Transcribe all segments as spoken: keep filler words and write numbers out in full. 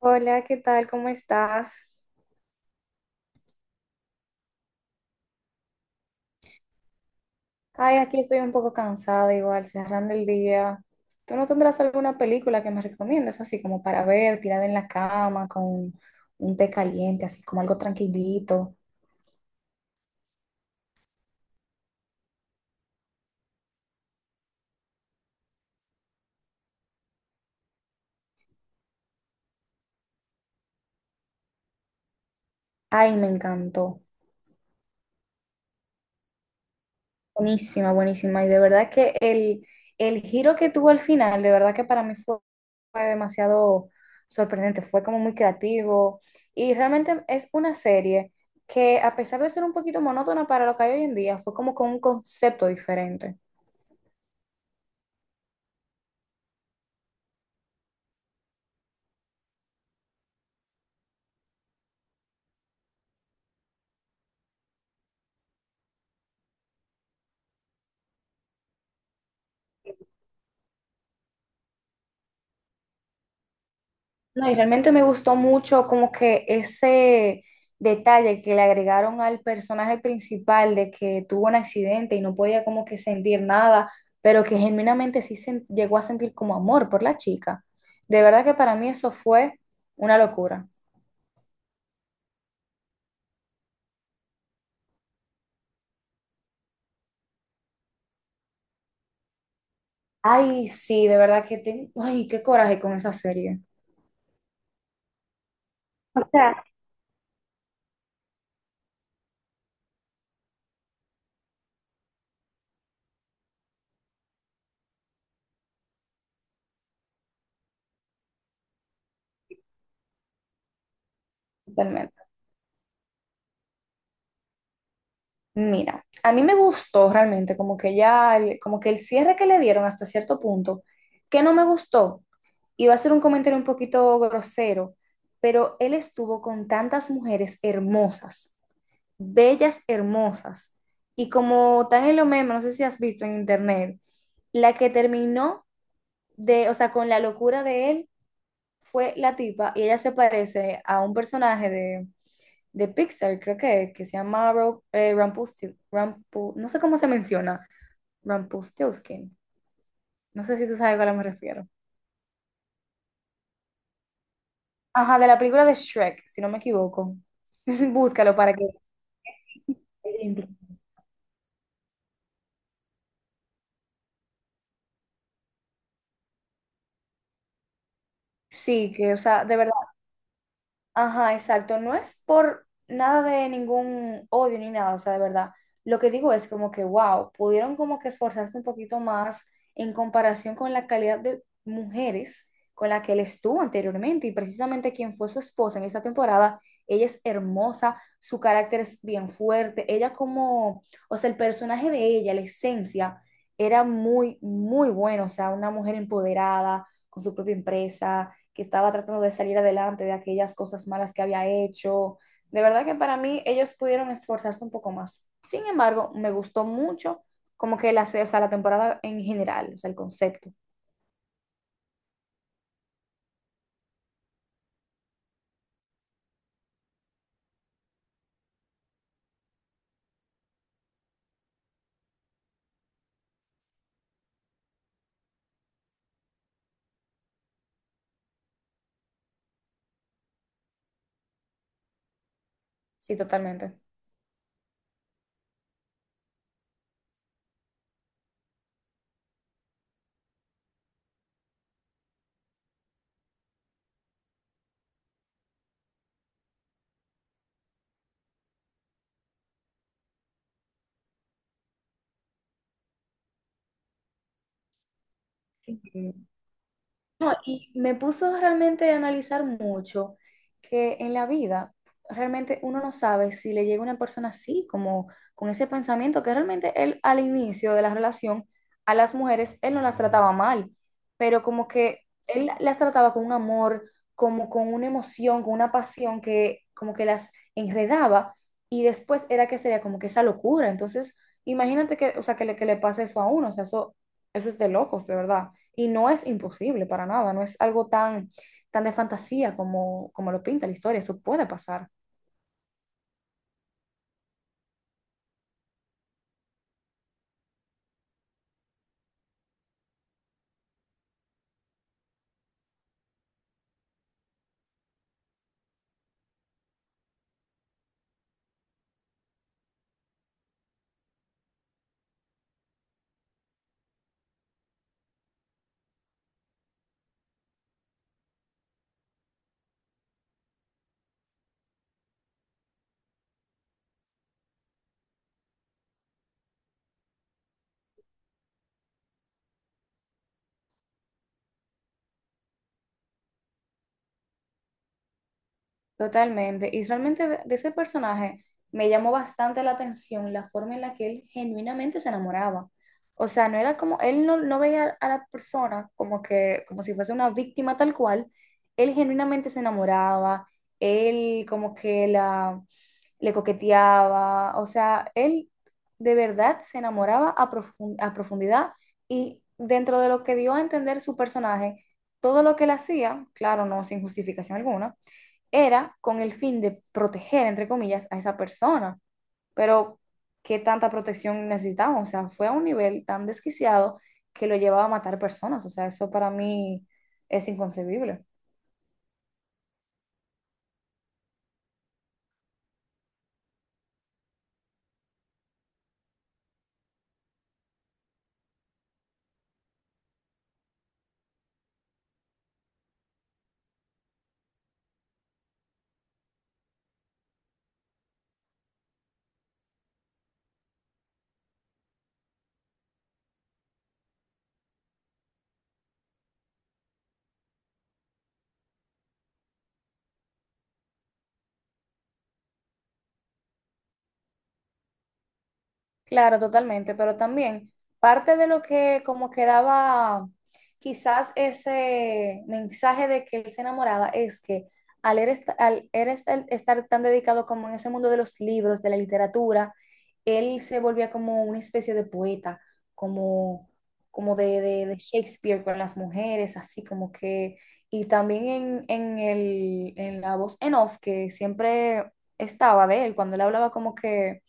Hola, ¿qué tal? ¿Cómo estás? Ay, aquí estoy un poco cansada igual, cerrando el día. ¿Tú no tendrás alguna película que me recomiendes, así como para ver, tirada en la cama, con un té caliente, así como algo tranquilito? Ay, me encantó. Buenísima, buenísima. Y de verdad que el, el giro que tuvo al final, de verdad que para mí fue, fue demasiado sorprendente, fue como muy creativo. Y realmente es una serie que a pesar de ser un poquito monótona para lo que hay hoy en día, fue como con un concepto diferente. No, y realmente me gustó mucho como que ese detalle que le agregaron al personaje principal de que tuvo un accidente y no podía como que sentir nada, pero que genuinamente sí sen- llegó a sentir como amor por la chica. De verdad que para mí eso fue una locura. Ay, sí, de verdad que tengo, ay, qué coraje con esa serie. O sea, totalmente. Mira, a mí me gustó realmente, como que ya, el- como que el cierre que le dieron hasta cierto punto, que no me gustó, iba a ser un comentario un poquito grosero, pero él estuvo con tantas mujeres hermosas, bellas, hermosas, y como tan en lo meme, no sé si has visto en internet, la que terminó de, o sea, con la locura de él fue la tipa, y ella se parece a un personaje de, de Pixar, creo que, que se llama Ro- eh, Rampustil- Rampu- no sé cómo se menciona, Rumpelstiltskin. No sé si tú sabes a cuál me refiero. Ajá, de la película de Shrek, si no me equivoco. Búscalo para que... Sí, que, o sea, de verdad. Ajá, exacto. No es por nada de ningún odio ni nada, o sea, de verdad. Lo que digo es como que, wow, pudieron como que esforzarse un poquito más en comparación con la calidad de mujeres con la que él estuvo anteriormente. Y precisamente quien fue su esposa en esta temporada, ella es hermosa, su carácter es bien fuerte. Ella como, o sea, el personaje de ella, la esencia, era muy, muy bueno. O sea, una mujer empoderada, con su propia empresa que estaba tratando de salir adelante de aquellas cosas malas que había hecho. De verdad que para mí ellos pudieron esforzarse un poco más. Sin embargo, me gustó mucho como que la, o sea, la temporada en general, o sea, el concepto. Sí, totalmente. Sí. No, y me puso realmente a analizar mucho que en la vida realmente uno no sabe si le llega una persona así, como con ese pensamiento, que realmente él al inicio de la relación a las mujeres, él no las trataba mal, pero como que él las trataba con un amor, como con una emoción, con una pasión que como que las enredaba y después era que sería como que esa locura. Entonces, imagínate que, o sea, que le, que le pase eso a uno, o sea, eso eso es de locos, de verdad. Y no es imposible para nada, no es algo tan, tan de fantasía como, como lo pinta la historia, eso puede pasar. Totalmente. Y realmente de, de ese personaje me llamó bastante la atención la forma en la que él genuinamente se enamoraba. O sea, no era como, él no, no veía a la persona como que, como si fuese una víctima tal cual. Él genuinamente se enamoraba, él como que la, le coqueteaba. O sea, él de verdad se enamoraba a profun- a profundidad y dentro de lo que dio a entender su personaje, todo lo que él hacía, claro, no sin justificación alguna era con el fin de proteger, entre comillas, a esa persona. Pero, ¿qué tanta protección necesitamos? O sea, fue a un nivel tan desquiciado que lo llevaba a matar personas. O sea, eso para mí es inconcebible. Claro, totalmente, pero también parte de lo que como quedaba quizás ese mensaje de que él se enamoraba es que al, él est- al él estar, estar tan dedicado como en ese mundo de los libros, de la literatura, él se volvía como una especie de poeta, como, como de, de- de Shakespeare con las mujeres, así como que, y también en, en el, en la voz en off que siempre estaba de él, cuando él hablaba como que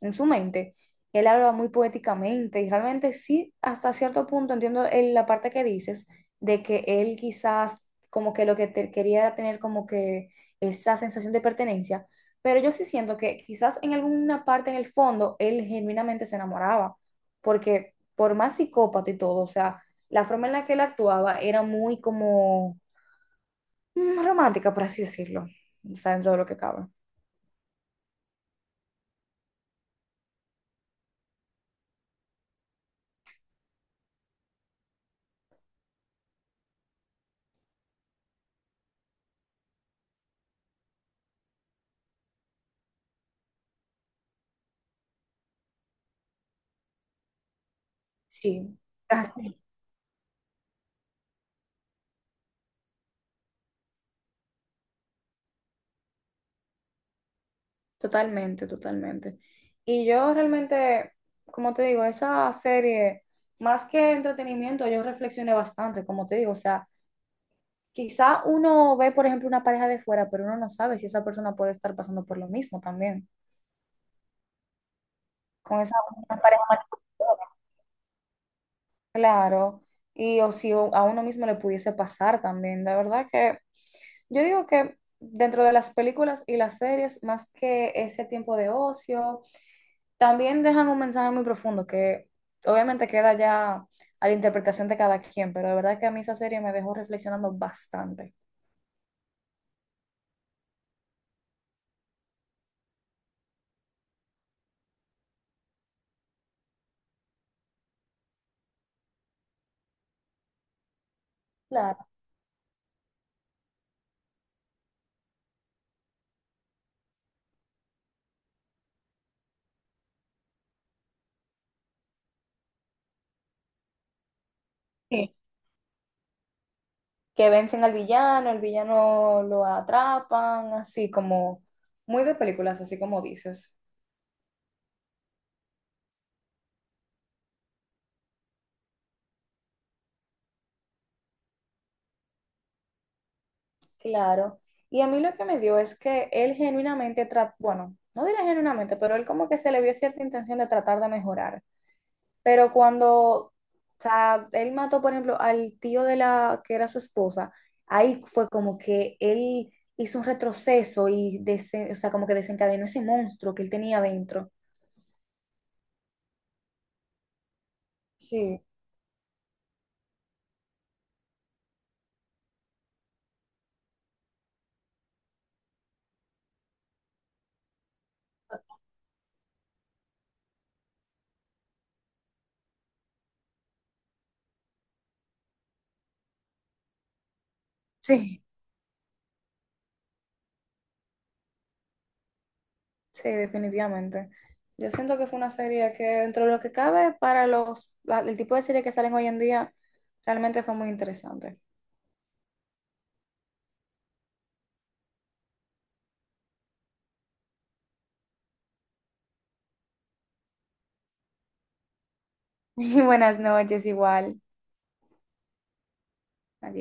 en su mente. Él habla muy poéticamente y realmente sí, hasta cierto punto entiendo el- la parte que dices de que él quizás como que lo que te- quería era tener como que esa sensación de pertenencia, pero yo sí siento que quizás en alguna parte en el fondo él genuinamente se enamoraba, porque por más psicópata y todo, o sea, la forma en la que él actuaba era muy como mm, romántica, por así decirlo, o sea, dentro de lo que cabe. Sí, así. Totalmente, totalmente. Y yo realmente, como te digo, esa serie, más que entretenimiento, yo reflexioné bastante, como te digo, o sea, quizá uno ve, por ejemplo, una pareja de fuera, pero uno no sabe si esa persona puede estar pasando por lo mismo también, con esa una pareja manipuladora. Claro, y o si o- a uno mismo le pudiese pasar también, de verdad que yo digo que dentro de las películas y las series, más que ese tiempo de ocio, también dejan un mensaje muy profundo que obviamente queda ya a la interpretación de cada quien, pero de verdad que a mí esa serie me dejó reflexionando bastante. Claro. Sí. Que vencen al villano, el villano lo atrapan, así como muy de películas, así como dices. Claro. Y a mí lo que me dio es que él genuinamente trató, bueno, no diré genuinamente, pero él como que se le vio cierta intención de tratar de mejorar. Pero cuando, o sea, él mató, por ejemplo, al tío de la que era su esposa, ahí fue como que él hizo un retroceso y desen- o sea, como que desencadenó ese monstruo que él tenía dentro. Sí. Sí, sí, definitivamente. Yo siento que fue una serie que dentro de lo que cabe para los, la- el tipo de serie que salen hoy en día, realmente fue muy interesante. Y buenas noches igual. Adiós.